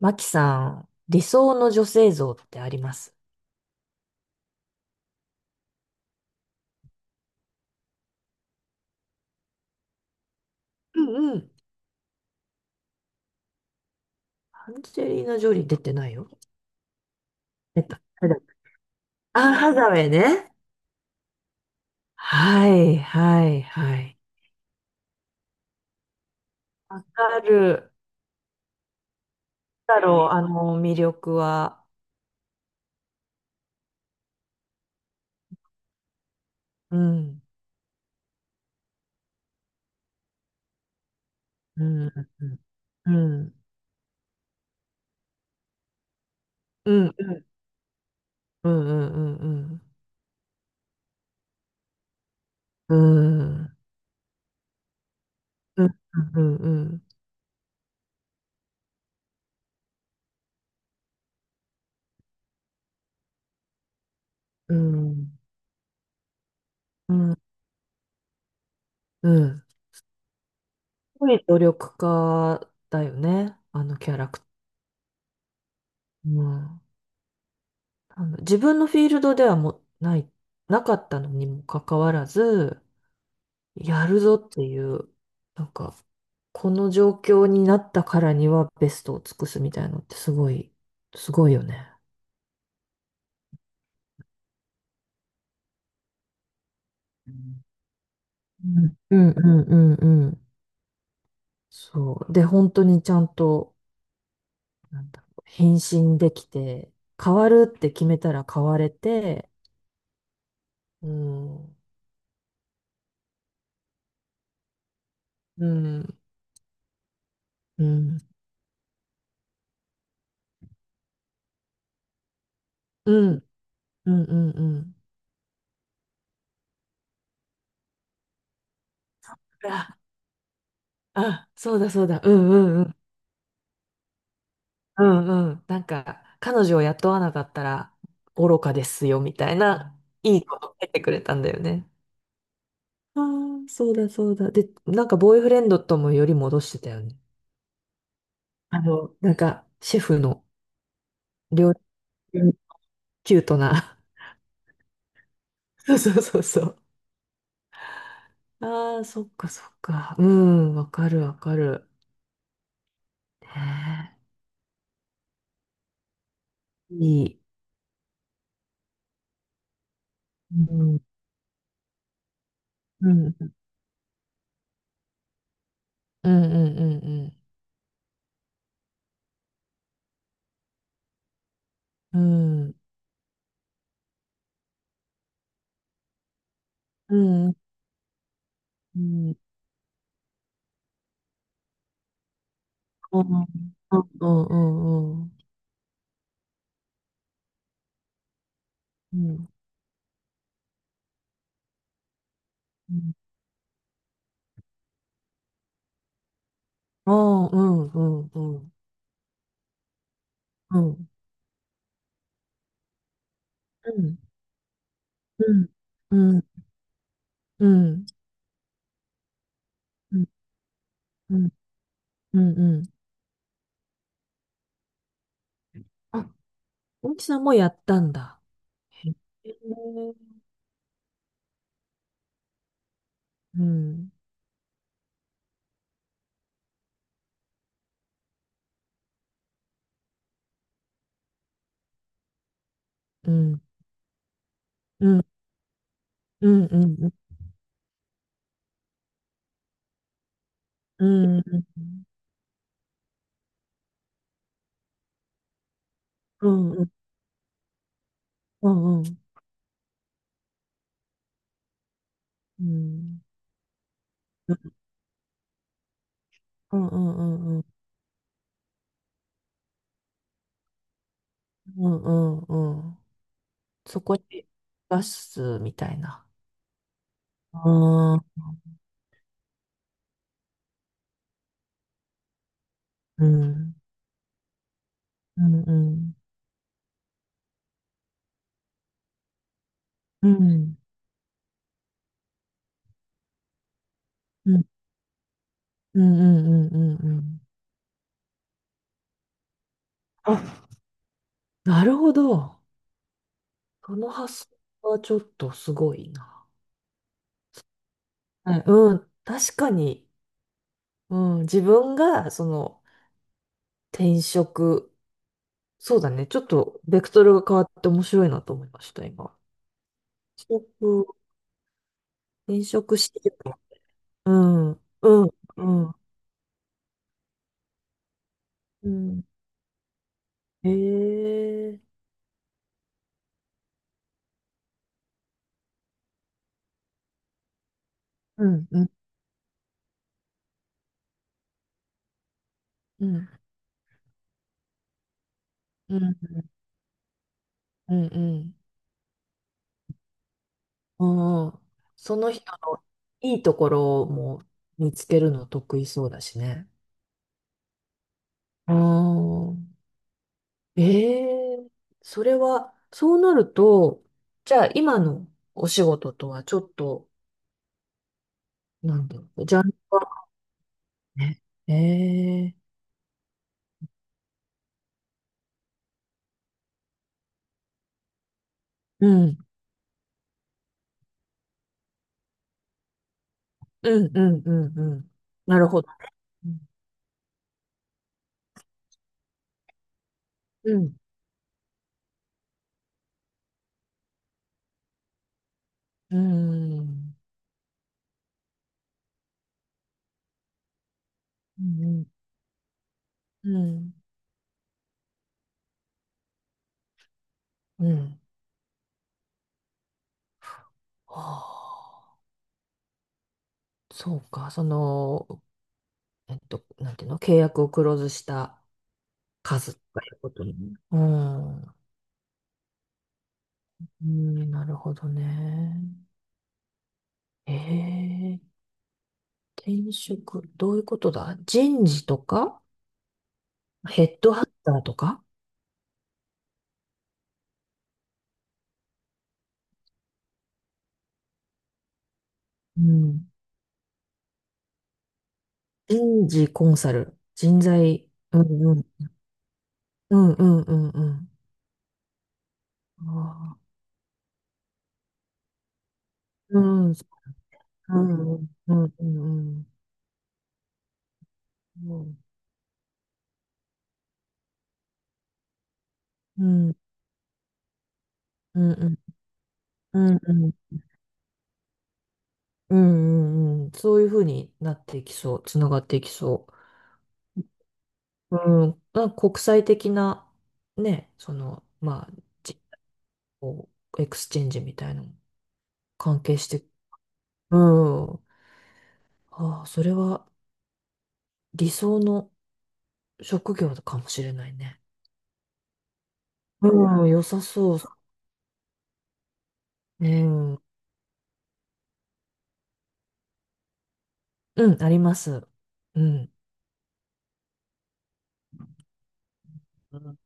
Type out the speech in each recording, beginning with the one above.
マキさん、理想の女性像ってあります？うんうん。アンジェリーナ・ジョリー出てないよ。出た。誰だっけ？アン・ハサウェイね。はい、はい、はい。わかる。だろう、あの魅力は。うん、うん、うん、うん、うん、うん、うん、うん、うん、うん、うん、うん、うん、うん。うんすごい努力家だよね、あのキャラクター。うん自分のフィールドではもうない、なかったのにもかかわらず、やるぞっていう、なんか、この状況になったからにはベストを尽くすみたいなのってすごい、すごいよね。うんうんうんうんうんそう。で、本当にちゃんと、なんだろう、返できて、変わるって決めたら変われて、うん、うん、うん、うん、うん、うん、うん。あ、あ、そうだそうだ、うんうんうんうん。なんか、彼女を雇わなかったら愚かですよ、みたいな、いいこと言ってくれたんだよね。あそうだそうだ。で、なんか、ボーイフレンドともより戻してたよね。なんか、シェフの料理人キュートな。そうそうそうそう。ああ、そっかそっか。うん、わかるわかる。ねえいい。うん、うん、うんうんうんうん。うん。うん。うん。うんうんうんうん。うん。ああ、うん、うん、うん、うん、うん、うん、うん、うん、うん、うん、うん。うんあ、大木さんもやったんだ。へえ。うん、うん、うん、うん、うん、うん、うん、うん、うん、うん、うん、うん、うん、うん、うん、うん、うん、うん。そこに出すみたいな。ああ、うん、うん、うん、うん、うん、うん、うん、うん、うん。なるほど。その発想はちょっとすごいな。はい、うん、確かに、うん、自分がその転職、そうだね、ちょっとベクトルが変わって面白いなと思いました、今。転職、転職してるか。うん、うん、うん、うん。へえ、うん、うん、うん、うん、うん、うん。うんその人のいいところも見つけるの得意そうだしね。うんええそれは、そうなると、じゃあ今のお仕事とはちょっと、なんだろう、ジャンルはね。ええうん、うん、うん、うん、うん。なるほど。うん、うん、うん、うん、うん。うんはあ、そうか、その、なんていうの、契約をクローズした数とかいうことに。うん、うん、なるほどね。ええ転職、どういうことだ人事とか、ヘッドハンターとか、うん、人事コンサル、人材、うんうん、うんうんうんうん。あーうん、うんうんうんうんうんうんあうんうんうんうんうんうんうんうんうんうんうんうんそういうふうになっていきそう、つながっていきそう。うん、なんか国際的な、ね、その、まあ、じこうエクスチェンジみたいなのも関係して、うん、ああ、それは理想の職業かもしれないね。うん、良さそう。うんうん、あります。うん。うん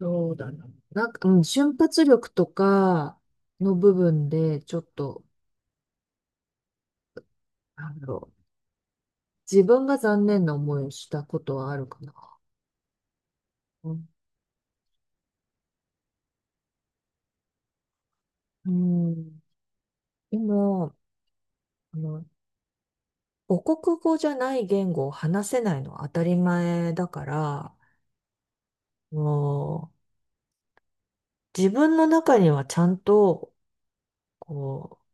そうだな。なんか、うん、瞬発力とかの部分で、ちょっと、なんだろう。自分が残念な思いをしたことはあるかな。うんうん。でも、あの、母国語じゃない言語を話せないのは当たり前だから、もう、自分の中にはちゃんと、こう、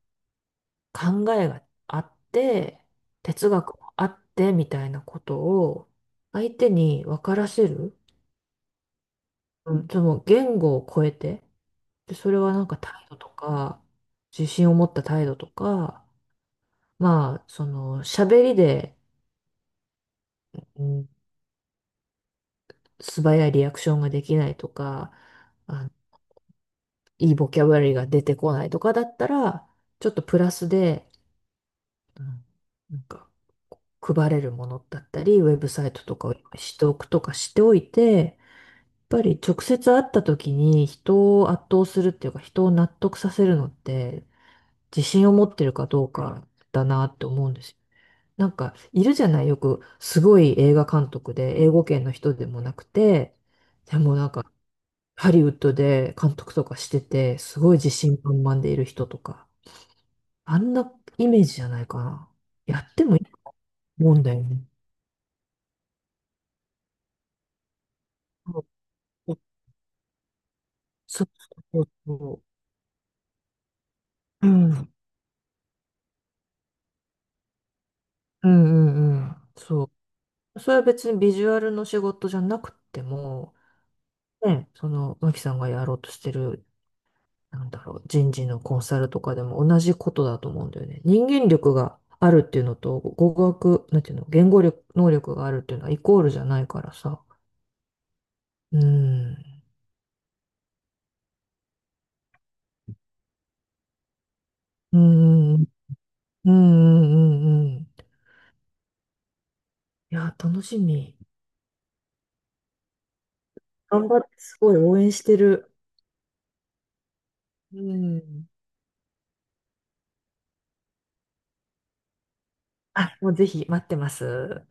考えがあって、哲学もあってみたいなことを相手に分からせる、うん、その言語を超えて、で、それはなんか態度とか、自信を持った態度とか、まあ、その喋りで、うん、素早いリアクションができないとか、あ、いいボキャブラリーが出てこないとかだったら、ちょっとプラスで、うんなんか配れるものだったり、ウェブサイトとかを用意しておくとかしておいて、ぱり直接会った時に人を圧倒するっていうか人を納得させるのって自信を持ってるかどうかだなって思うんですよ。なんかいるじゃないよくすごい映画監督で英語圏の人でもなくてでもなんかハリウッドで監督とかしててすごい自信満々でいる人とかあんなイメージじゃないかな。やってもいいと思うんだよね。そうそうそうそう。うん。うんうんうん。そう。それは別にビジュアルの仕事じゃなくても、ね、その、マキさんがやろうとしてる、なんだろう、人事のコンサルとかでも同じことだと思うんだよね。人間力があるっていうのと、語学、なんていうの、言語力、能力があるっていうのはイコールじゃないからさ。うん。うん。うん。うん。うん。いや、楽しみ。頑張って、すごい応援してる。うん。あ、もうぜひ待ってます。